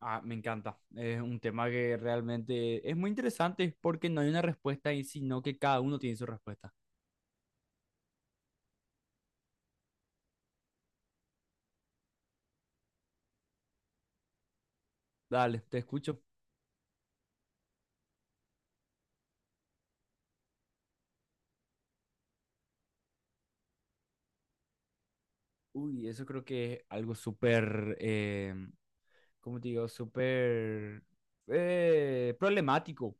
Ah, me encanta. Es un tema que realmente es muy interesante porque no hay una respuesta ahí, sino que cada uno tiene su respuesta. Dale, te escucho. Uy, eso creo que es algo súper, ¿cómo te digo? Súper problemático.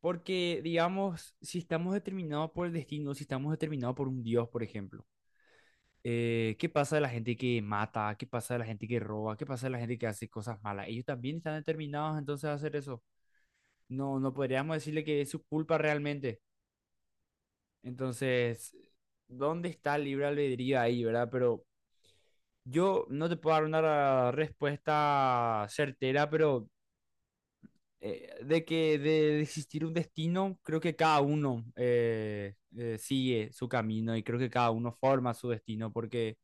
Porque, digamos, si estamos determinados por el destino, si estamos determinados por un Dios, por ejemplo, ¿qué pasa de la gente que mata? ¿Qué pasa de la gente que roba? ¿Qué pasa de la gente que hace cosas malas? Ellos también están determinados entonces a hacer eso. No, no podríamos decirle que es su culpa realmente. Entonces, ¿dónde está el libre albedrío ahí, verdad? Pero yo no te puedo dar una respuesta certera, pero de que de existir un destino, creo que cada uno sigue su camino y creo que cada uno forma su destino, porque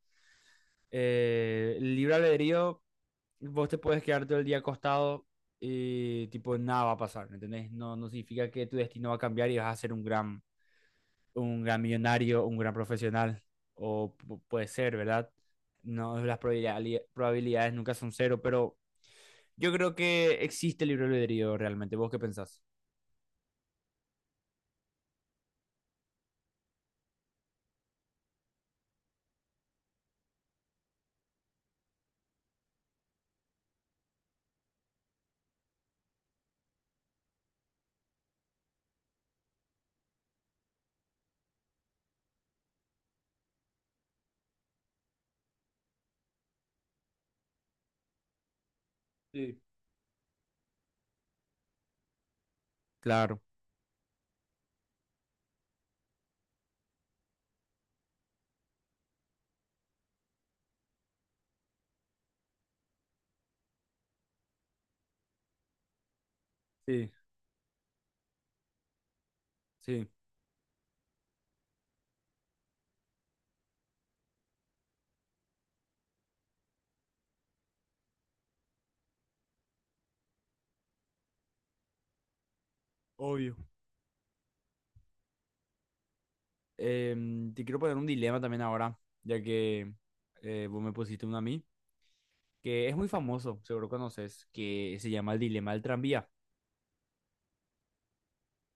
el libre albedrío, vos te puedes quedar todo el día acostado y tipo nada va a pasar, ¿entendés? No, no significa que tu destino va a cambiar y vas a ser un gran millonario, un gran profesional, o puede ser, ¿verdad? No, las probabilidades nunca son cero, pero yo creo que existe el libre albedrío realmente. ¿Vos qué pensás? Sí, claro, sí, sí. Obvio. Te quiero poner un dilema también ahora, ya que vos me pusiste uno a mí, que es muy famoso, seguro conoces, que se llama el dilema del tranvía.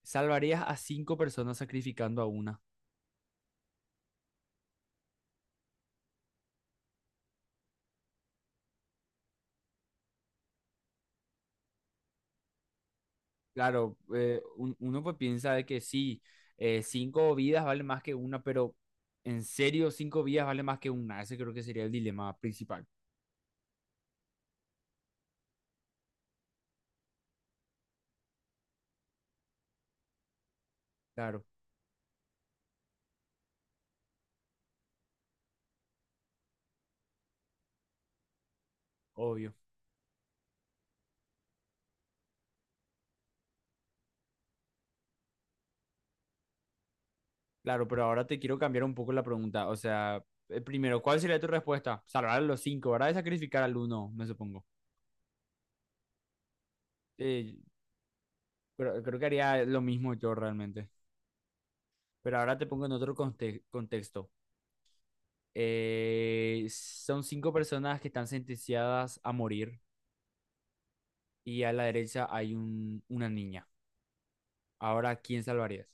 ¿Salvarías a cinco personas sacrificando a una? Claro, uno pues piensa de que sí, cinco vidas vale más que una, pero en serio, cinco vidas vale más que una. Ese creo que sería el dilema principal. Claro, obvio. Claro, pero ahora te quiero cambiar un poco la pregunta. O sea, primero, ¿cuál sería tu respuesta? Salvar a los cinco, ¿verdad? Y sacrificar al uno, me supongo. Eh, creo que haría lo mismo yo realmente. Pero ahora te pongo en otro contexto. Son cinco personas que están sentenciadas a morir y a la derecha hay una niña. Ahora, ¿a ¿quién salvarías?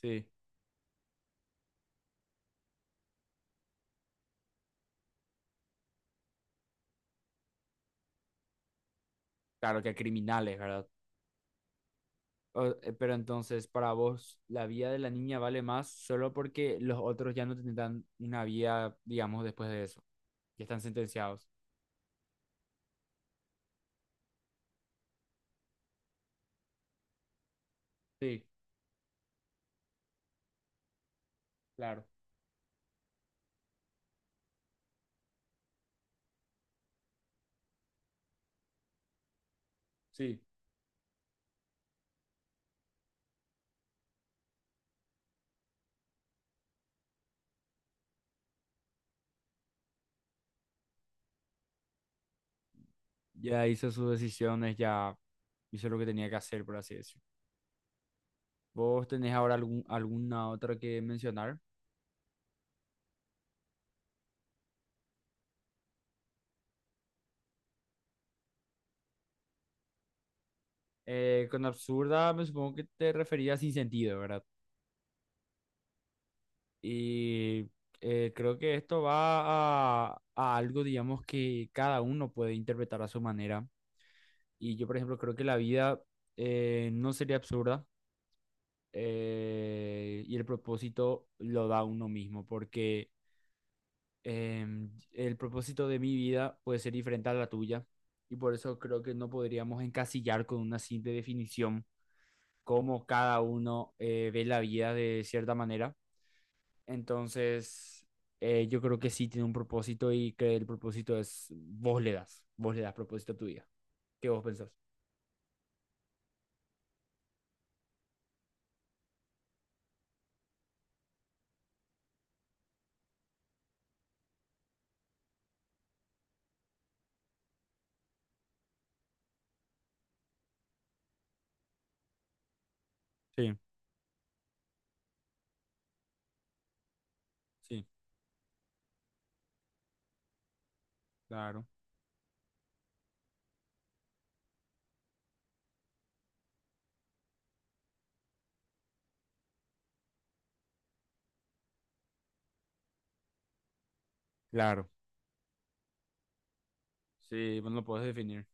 Sí. Claro que a criminales, ¿verdad? Pero entonces, para vos, la vida de la niña vale más solo porque los otros ya no tendrán una vida, digamos, después de eso. Ya están sentenciados. Sí, claro. Sí. Ya hizo sus decisiones, ya hizo lo que tenía que hacer, por así decirlo. ¿Vos tenés ahora alguna otra que mencionar? Con absurda me supongo que te referías sin sentido, ¿verdad? Y creo que esto va a algo, digamos, que cada uno puede interpretar a su manera. Y yo, por ejemplo, creo que la vida no sería absurda y el propósito lo da uno mismo, porque el propósito de mi vida puede ser diferente a la tuya. Y por eso creo que no podríamos encasillar con una simple definición cómo cada uno ve la vida de cierta manera. Entonces, yo creo que sí tiene un propósito y que el propósito es vos le das, propósito a tu vida. ¿Qué vos pensás? Sí, sí, claro, claro. Sí, bueno, lo puedes definir.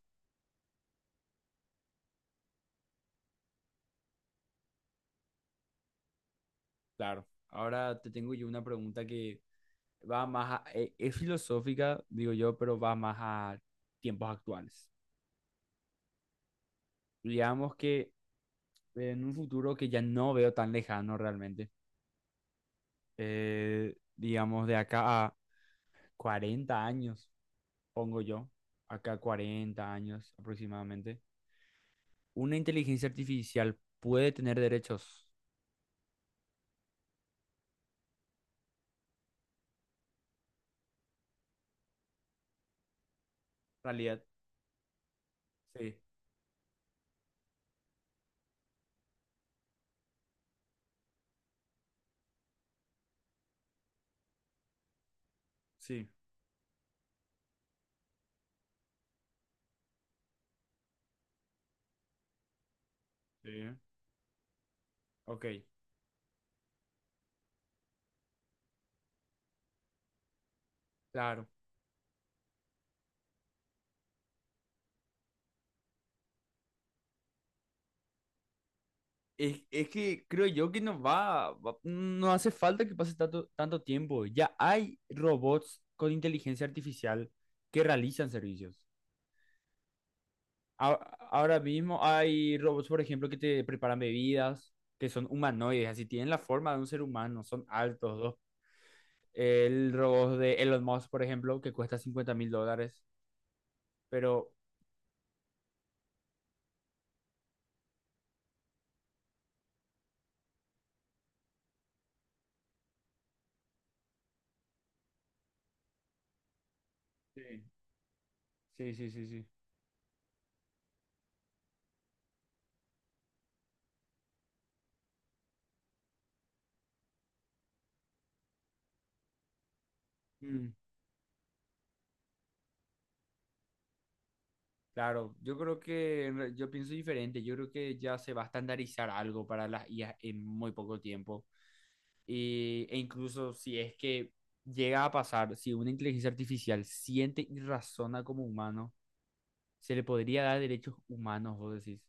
Claro. Ahora te tengo yo una pregunta que va más a, es filosófica, digo yo, pero va más a tiempos actuales. Digamos que en un futuro que ya no veo tan lejano realmente, digamos de acá a 40 años, pongo yo, acá 40 años aproximadamente, una inteligencia artificial puede tener derechos. Realidad. Sí, sí, sí. Ok, claro. Es que creo yo que no no hace falta que pase tanto, tanto tiempo. Ya hay robots con inteligencia artificial que realizan servicios. A- Ahora mismo hay robots, por ejemplo, que te preparan bebidas, que son humanoides, así tienen la forma de un ser humano, son altos. El robot de Elon Musk, por ejemplo, que cuesta 50.000 dólares. Pero, sí, sí, sí, sí, sí. mm, claro, yo creo que en yo pienso diferente. Yo creo que ya se va a estandarizar algo para las IA en muy poco tiempo. E incluso si es que llega a pasar, si una inteligencia artificial siente y razona como humano, se le podría dar derechos humanos, vos decís.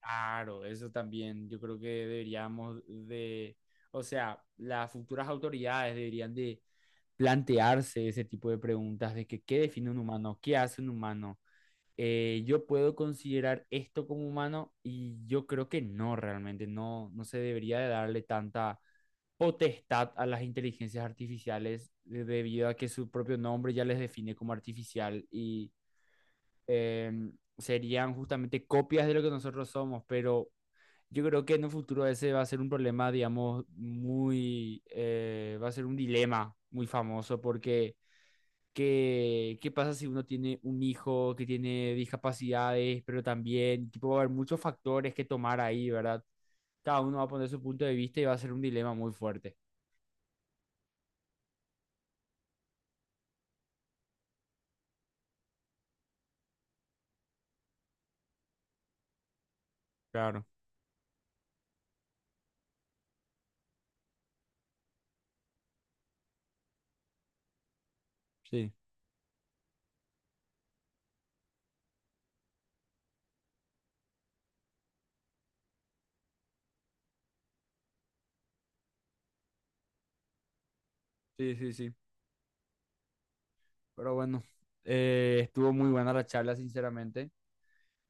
Claro, eso también yo creo que deberíamos de, o sea, las futuras autoridades deberían de plantearse ese tipo de preguntas de que qué define un humano, qué hace un humano. Yo puedo considerar esto como humano y yo creo que no, realmente no, no se debería de darle tanta potestad a las inteligencias artificiales debido a que su propio nombre ya les define como artificial y eh, serían justamente copias de lo que nosotros somos, pero yo creo que en un futuro ese va a ser un problema, digamos, muy, va a ser un dilema muy famoso porque... ¿Qué pasa si uno tiene un hijo que tiene discapacidades, pero también, tipo, va a haber muchos factores que tomar ahí, ¿verdad? Cada uno va a poner su punto de vista y va a ser un dilema muy fuerte. Claro, sí, sí, sí, sí. Pero bueno, estuvo muy buena la charla, sinceramente.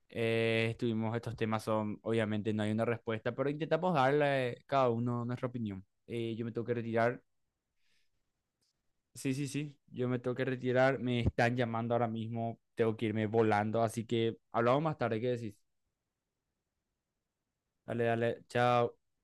Estuvimos, estos temas son, obviamente no hay una respuesta, pero intentamos darle cada uno nuestra opinión. Yo me tengo que retirar. Sí, sí, sí, yo me tengo que retirar. Me están llamando ahora mismo, tengo que irme volando, así que hablamos más tarde, ¿qué decís? Dale, dale, chao.